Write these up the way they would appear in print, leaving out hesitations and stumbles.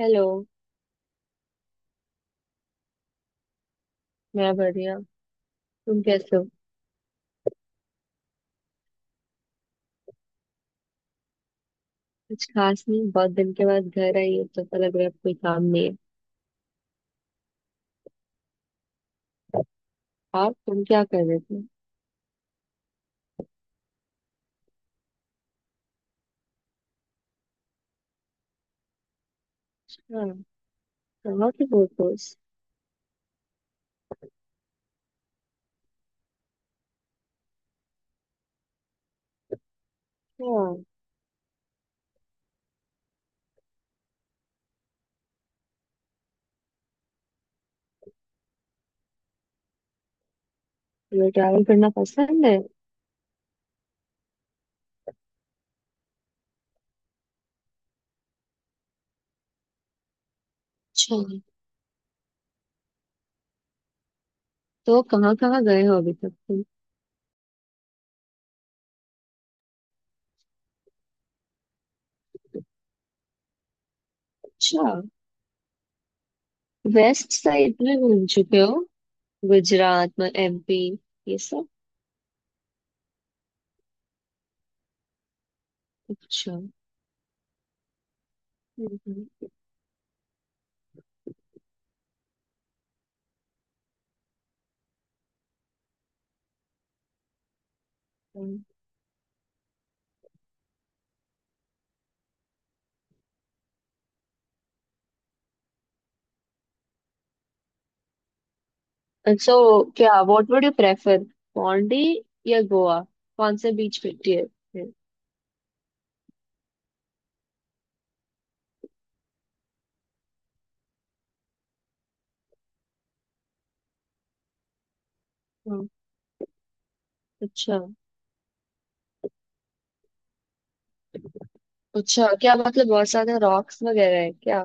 Hello. मैं बढ़िया। तुम कैसे हो? कुछ खास नहीं, बहुत दिन के बाद घर आई हो तो पता लग रहा है अब कोई काम नहीं है। और तुम क्या कर रहे थे? हाँ। कहाँ की फोटोज? हाँ। तुम्हें ट्रैवल करना पसंद है? अच्छा। तो कहाँ कहाँ गए हो अभी तक तुम? अच्छा। वेस्ट साइड में घूम चुके हो? गुजरात, में एमपी, ये सब? अच्छा। हम्म। सो क्या, what would you prefer, Pondy या गोवा? कौन से बीच पे टियर? हाँ। अच्छा। अच्छा, क्या मतलब बहुत सारे रॉक्स वगैरह है क्या?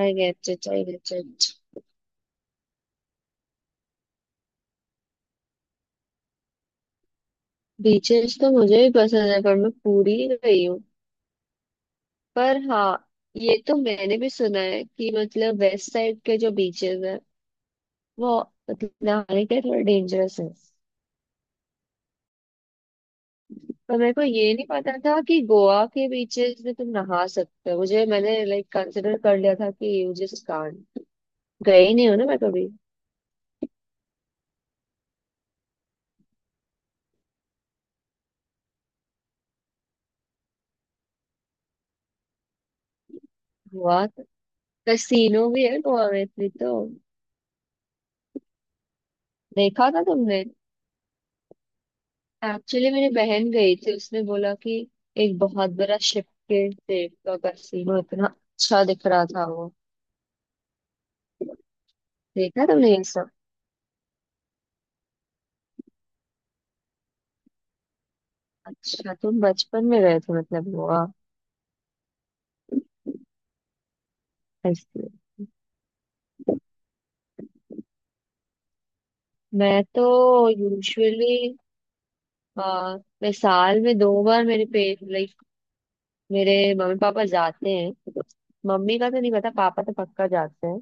I get it, I get it. Beaches तो मुझे भी पसंद है, पर मैं पूरी ही गई हूँ। पर हाँ, ये तो मैंने भी सुना है कि मतलब वेस्ट साइड के जो बीचेस है, वो मतलब नहाने के थोड़े डेंजरस है। पर मेरे को ये नहीं पता था कि गोवा के बीचेस में तुम नहा सकते हो। मुझे मैंने लाइक कंसिडर कर लिया था कि यू जस्ट कांट। गई नहीं हो ना मैं कभी। गोवा तो- कैसीनो भी है गोवा में इतनी तो। देखा था तुमने? एक्चुअली मेरी बहन गई थी, उसने बोला कि एक बहुत बड़ा शिप के सेब का कैसीनो इतना अच्छा दिख रहा था वो। देखा तुमने ये सब? अच्छा, तुम बचपन में गए थे मतलब गोवा, इसलिए। मैं तो यूजुअली, मैं साल में 2 बार मेरे पे लाइक मेरे मम्मी पापा जाते हैं। मम्मी का तो नहीं पता, पापा तो पक्का जाते हैं।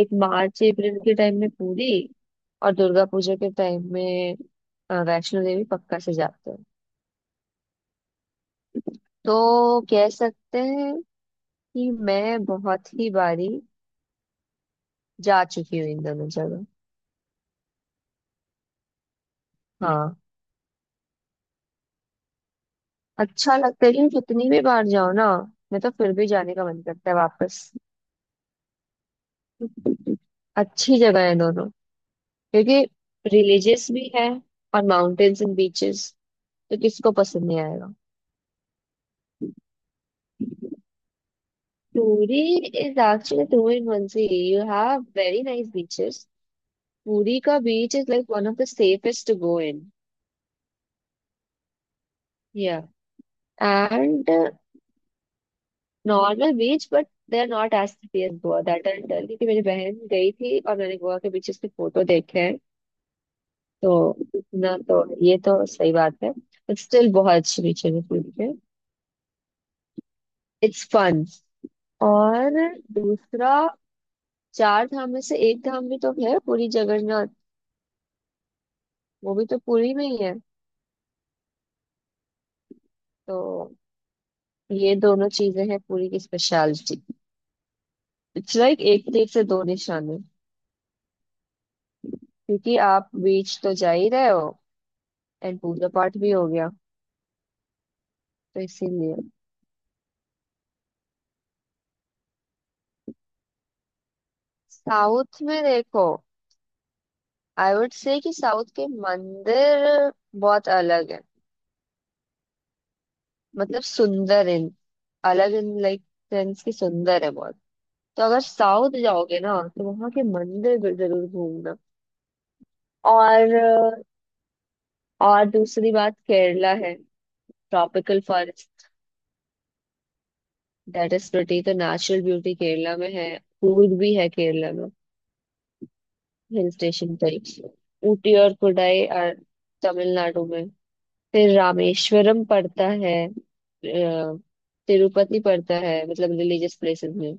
एक मार्च अप्रैल के टाइम में पुरी, और दुर्गा पूजा के टाइम में वैष्णो देवी पक्का से जाते हैं। तो कह सकते हैं कि मैं बहुत ही बारी जा चुकी हूँ इन दोनों जगह। हाँ। अच्छा लगता है लेकिन कितनी भी बार जाओ ना, मैं तो फिर भी जाने का मन करता है वापस। अच्छी जगह है दोनों। क्योंकि रिलीजियस भी है, और माउंटेन्स एंड बीचेस, तो किसको पसंद नहीं आएगा। Puri is actually two in one. See, you have very nice beaches. Puri का beach is like one of the safest to go in, या and normal beach but they are not as pretty as Goa, that I tell, क्योंकि मेरी बहन गई थी और मैंने गोवा के बीचेस के फोटो देखे हैं। तो इतना तो, ये तो सही बात है, बट स्टिल बहुत अच्छी बीचेस है पूरी के। It's fun. और दूसरा, चार धाम में से एक धाम भी तो है, पूरी जगन्नाथ, वो भी तो पुरी में ही है। तो ये दोनों चीजें हैं पुरी की स्पेशलिटी। इट्स लाइक एक तीर से दो निशाने, क्योंकि आप बीच तो जा ही रहे हो, एंड पूजा पाठ भी हो गया, तो इसीलिए। साउथ में देखो, आई वुड से कि साउथ के मंदिर बहुत अलग है। मतलब सुंदर इन, अलग इन, लाइक सेंस की, सुंदर है बहुत। तो अगर साउथ जाओगे ना तो वहां के मंदिर भी जरूर घूमना। और और दूसरी बात, केरला है, tropical forest, that is pretty. तो नेचुरल ब्यूटी केरला में है, फूड भी है केरला में। हिल स्टेशन टाइप्स, ऊटी और कोडाई और तमिलनाडु में, फिर रामेश्वरम पड़ता है, तिरुपति पड़ता है, मतलब रिलीजियस प्लेसेस में।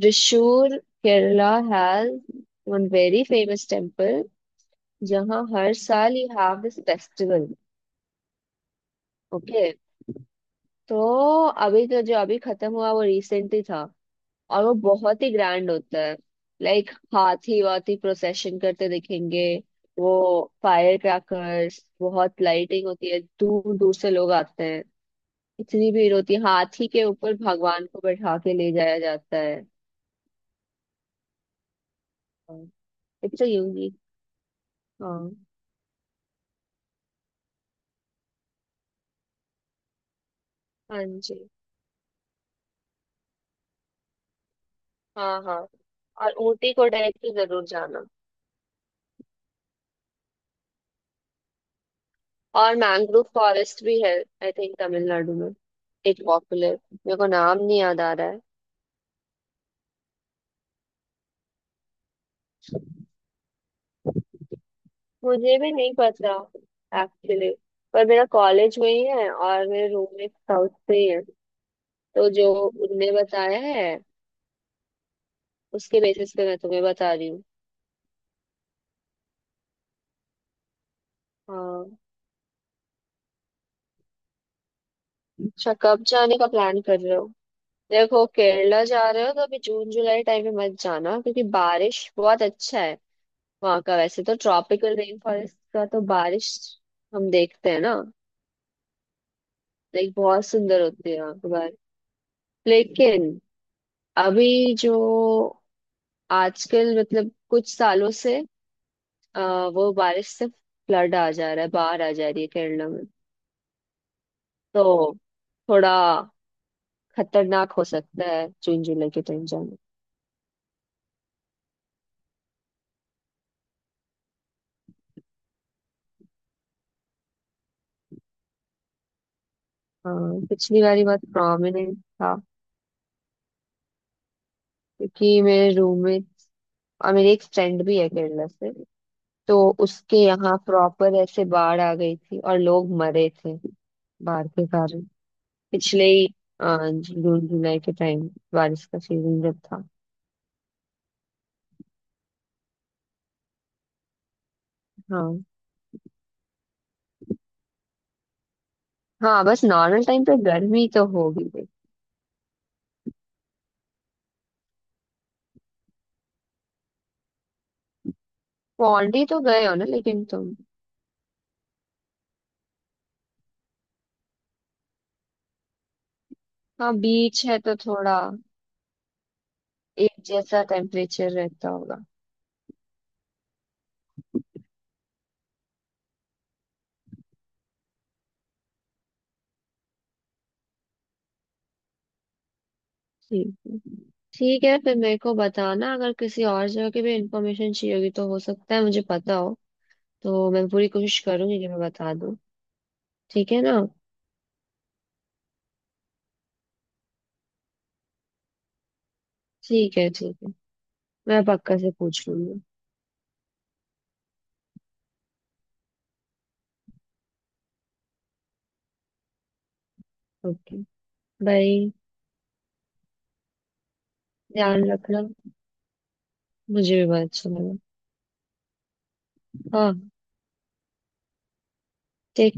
Thrissur, Kerala has one very famous temple, जहाँ हर साल you have this festival. Okay, तो अभी तो, जो अभी खत्म हुआ वो रिसेंटली था, और वो बहुत ही ग्रैंड होता है। लाइक हाथी वाथी प्रोसेशन करते दिखेंगे, वो फायर क्रैकर्स, बहुत लाइटिंग होती है, दूर दूर से लोग आते हैं, इतनी भीड़ होती है, हाथी के ऊपर भगवान को बैठा के ले जाया जाता है। हाँ। It's a unique. हाँ। हाँ जी। हाँ। हाँ, और ऊटी को डायरेक्टली जरूर जाना। और मैंग्रोव फॉरेस्ट भी है, आई थिंक तमिलनाडु में, एक पॉपुलर, मेरे को नाम नहीं याद आ रहा है। मुझे भी नहीं पता एक्चुअली, पर मेरा कॉलेज में ही है और मेरे रूममेट साउथ से ही है, तो जो उनने बताया है उसके बेसिस पे मैं तुम्हें बता रही हूँ। हाँ। अच्छा, कब जाने का प्लान कर रहे हो? देखो, केरला जा रहे हो तो अभी जून जुलाई टाइम में मत जाना, क्योंकि बारिश बहुत अच्छा है वहां का। वैसे तो ट्रॉपिकल रेन फॉरेस्ट का तो बारिश हम देखते हैं ना, लाइक बहुत सुंदर होती है वहां की बारिश, लेकिन अभी जो आजकल, मतलब कुछ सालों से, वो बारिश से फ्लड आ जा रहा है, बाढ़ आ जा रही है केरला में। तो थोड़ा खतरनाक हो सकता है जून जुलाई के टाइम जाना। हाँ पिछली बारी बहुत प्रोमिनेंट था, क्योंकि मेरे रूममेट और मेरी एक फ्रेंड भी है केरला से, तो उसके यहाँ प्रॉपर ऐसे बाढ़ आ गई थी और लोग मरे थे, बाढ़ के कारण, पिछले ही अ, जून जुलाई के टाइम, बारिश का सीजन जब था। हाँ। हाँ बस नॉर्मल टाइम पे गर्मी तो होगी भाई। पौंडी तो गए हो ना लेकिन तुम? हाँ, बीच है तो थोड़ा एक जैसा टेम्परेचर रहता होगा। ठीक है। ठीक है फिर, मेरे को बताना अगर किसी और जगह की भी इंफॉर्मेशन चाहिए होगी, तो हो सकता है मुझे पता हो, तो मैं पूरी कोशिश करूंगी कि मैं बता दूं। ठीक है ना? ठीक है, ठीक है, मैं पक्का से पूछ लूंगी। ओके। बाय। ध्यान रखना। मुझे भी बहुत अच्छा लगा। हाँ take